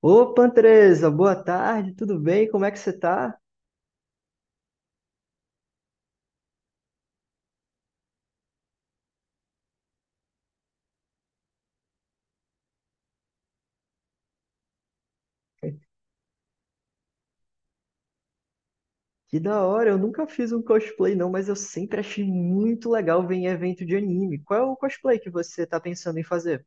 Opa, Andresa, boa tarde, tudo bem? Como é que você tá? Que da hora, eu nunca fiz um cosplay não, mas eu sempre achei muito legal ver em evento de anime. Qual é o cosplay que você tá pensando em fazer?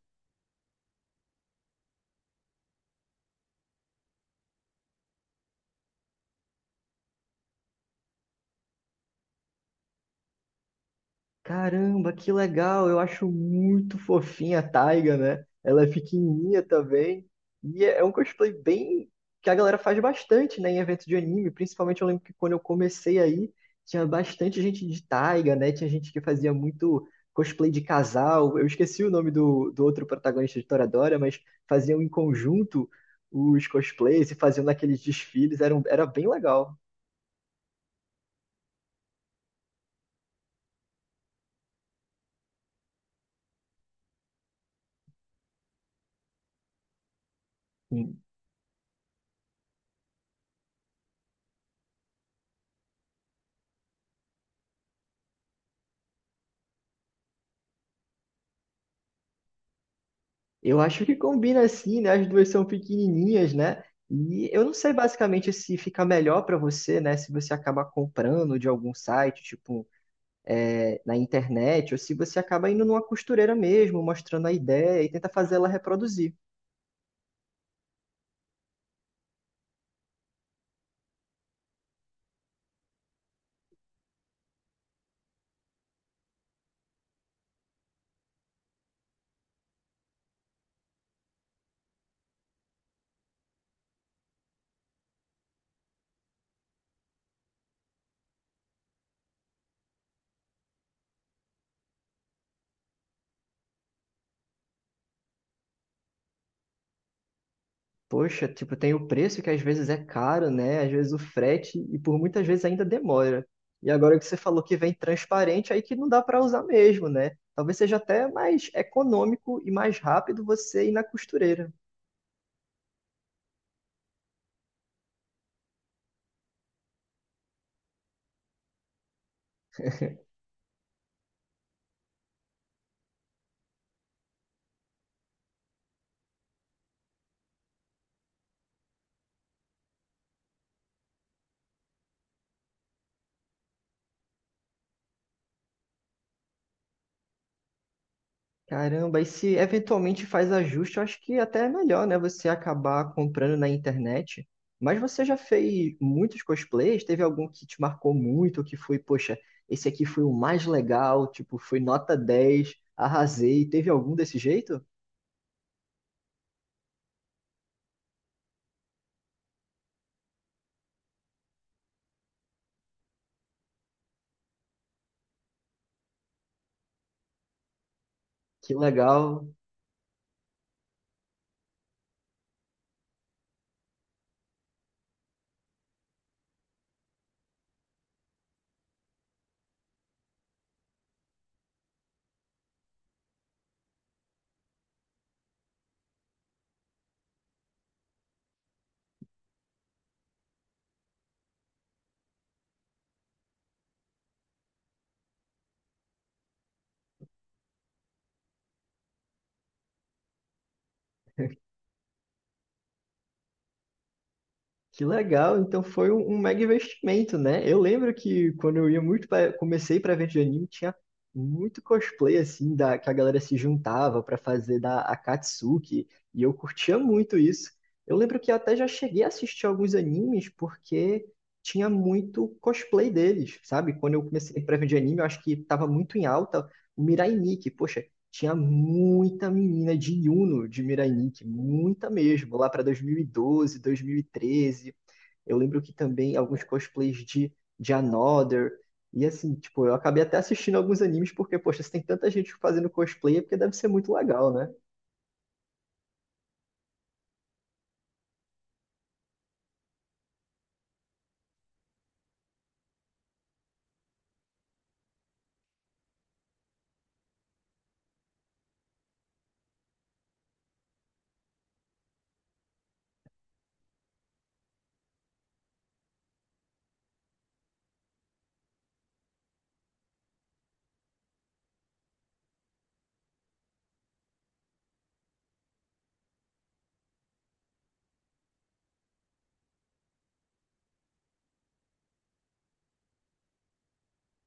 Caramba, que legal! Eu acho muito fofinha a Taiga, né? Ela é pequenininha também. E é um cosplay bem que a galera faz bastante, né, em eventos de anime. Principalmente eu lembro que quando eu comecei aí, tinha bastante gente de Taiga, né? Tinha gente que fazia muito cosplay de casal. Eu esqueci o nome do outro protagonista de Toradora, mas faziam em conjunto os cosplays e faziam naqueles desfiles. Era, era bem legal. Eu acho que combina assim, né? As duas são pequenininhas, né? E eu não sei basicamente se fica melhor para você, né? Se você acaba comprando de algum site, tipo, é, na internet, ou se você acaba indo numa costureira mesmo, mostrando a ideia e tenta fazer ela reproduzir. Poxa, tipo, tem o preço que às vezes é caro, né? Às vezes o frete e por muitas vezes ainda demora. E agora que você falou que vem transparente, aí que não dá para usar mesmo, né? Talvez seja até mais econômico e mais rápido você ir na costureira. Caramba, e se eventualmente faz ajuste, eu acho que até é melhor, né? Você acabar comprando na internet. Mas você já fez muitos cosplays? Teve algum que te marcou muito, que foi, poxa, esse aqui foi o mais legal, tipo, foi nota 10, arrasei. Teve algum desse jeito? Que legal. Que legal, então foi um, um mega investimento, né? Eu lembro que quando eu ia muito pra, comecei para ver de anime, tinha muito cosplay assim da que a galera se juntava para fazer da Akatsuki, e eu curtia muito isso. Eu lembro que eu até já cheguei a assistir alguns animes porque tinha muito cosplay deles, sabe? Quando eu comecei para ver de anime, eu acho que estava muito em alta o Mirai Nikki. Poxa, tinha muita menina de Uno de Miranique, muita mesmo, lá para 2012, 2013. Eu lembro que também alguns cosplays de Another. E assim, tipo, eu acabei até assistindo alguns animes porque, poxa, se tem tanta gente fazendo cosplay é porque deve ser muito legal, né?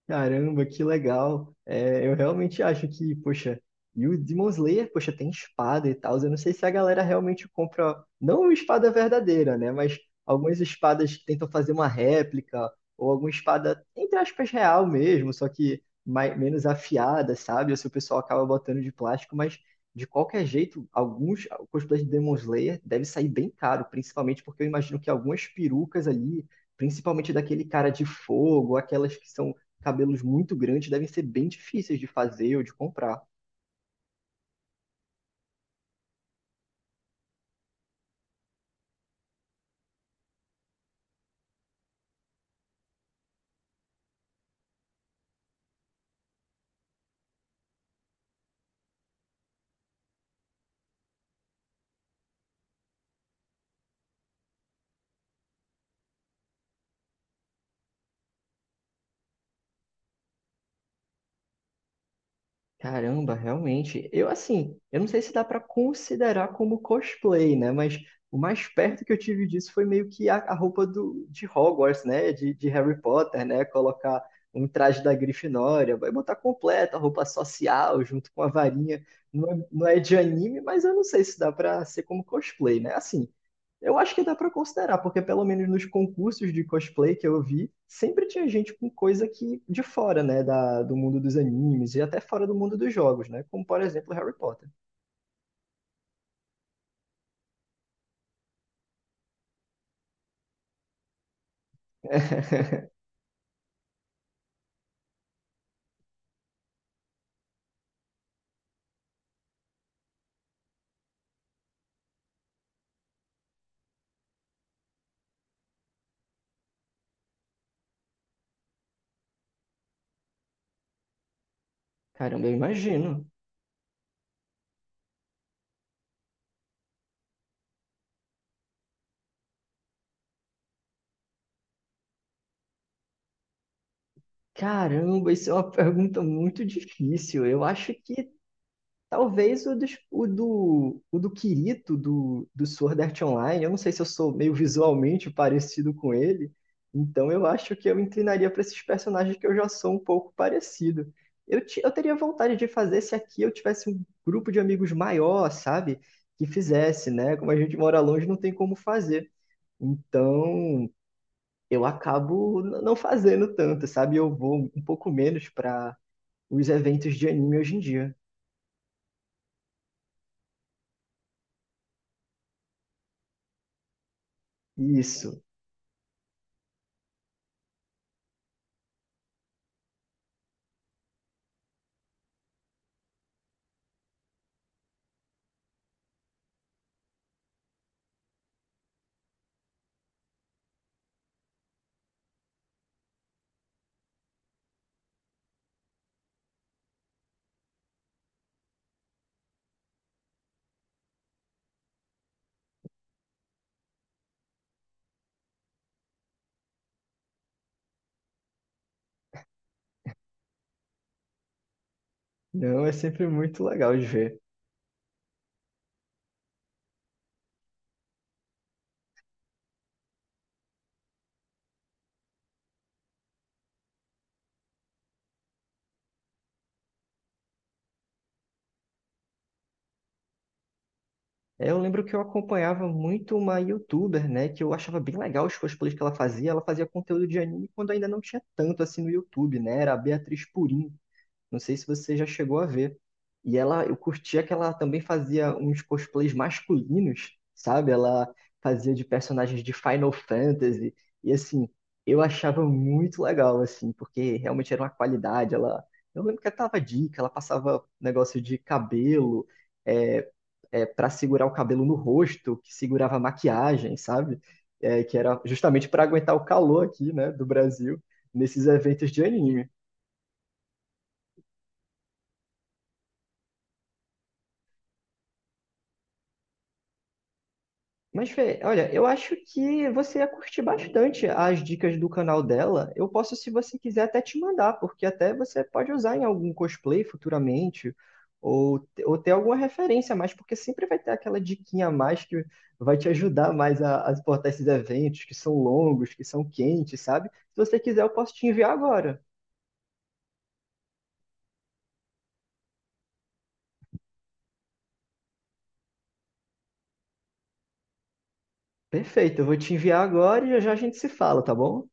Caramba, que legal. É, eu realmente acho que, poxa, e o Demon Slayer, poxa, tem espada e tal. Eu não sei se a galera realmente compra, não uma espada verdadeira, né? Mas algumas espadas tentam fazer uma réplica, ou alguma espada, entre aspas, real mesmo, só que mais, menos afiada, sabe? Ou se o pessoal acaba botando de plástico, mas de qualquer jeito, alguns cosplays de Demon Slayer deve sair bem caro, principalmente porque eu imagino que algumas perucas ali, principalmente daquele cara de fogo, aquelas que são cabelos muito grandes devem ser bem difíceis de fazer ou de comprar. Caramba, realmente. Eu, assim, eu não sei se dá para considerar como cosplay, né? Mas o mais perto que eu tive disso foi meio que a roupa do, de Hogwarts, né? De Harry Potter, né? Colocar um traje da Grifinória, vai botar completa a roupa social junto com a varinha. Não é de anime, mas eu não sei se dá para ser como cosplay, né? Assim, eu acho que dá para considerar, porque pelo menos nos concursos de cosplay que eu vi, sempre tinha gente com coisa que de fora, né, do mundo dos animes e até fora do mundo dos jogos, né, como por exemplo Harry Potter. Caramba, eu imagino. Caramba, isso é uma pergunta muito difícil. Eu acho que talvez o do Kirito, do Sword Art Online. Eu não sei se eu sou meio visualmente parecido com ele, então eu acho que eu inclinaria para esses personagens que eu já sou um pouco parecido. Eu teria vontade de fazer se aqui eu tivesse um grupo de amigos maior, sabe? Que fizesse, né? Como a gente mora longe, não tem como fazer. Então eu acabo não fazendo tanto, sabe? Eu vou um pouco menos para os eventos de anime hoje em dia. Isso. Não, é sempre muito legal de ver. É, eu lembro que eu acompanhava muito uma youtuber, né, que eu achava bem legal os cosplays que ela fazia. Ela fazia conteúdo de anime quando ainda não tinha tanto assim no YouTube, né? Era a Beatriz Purim. Não sei se você já chegou a ver. E ela, eu curtia que ela também fazia uns cosplays masculinos, sabe? Ela fazia de personagens de Final Fantasy. E assim, eu achava muito legal, assim, porque realmente era uma qualidade. Ela, eu lembro que ela tava dica, ela passava um negócio de cabelo, é, para segurar o cabelo no rosto, que segurava a maquiagem, sabe? É, que era justamente para aguentar o calor aqui, né, do Brasil, nesses eventos de anime. Mas, Fê, olha, eu acho que você ia curtir bastante as dicas do canal dela. Eu posso, se você quiser, até te mandar, porque até você pode usar em algum cosplay futuramente, ou ter alguma referência a mais, porque sempre vai ter aquela diquinha a mais que vai te ajudar mais a suportar esses eventos que são longos, que são quentes, sabe? Se você quiser, eu posso te enviar agora. Perfeito, eu vou te enviar agora e já já a gente se fala, tá bom?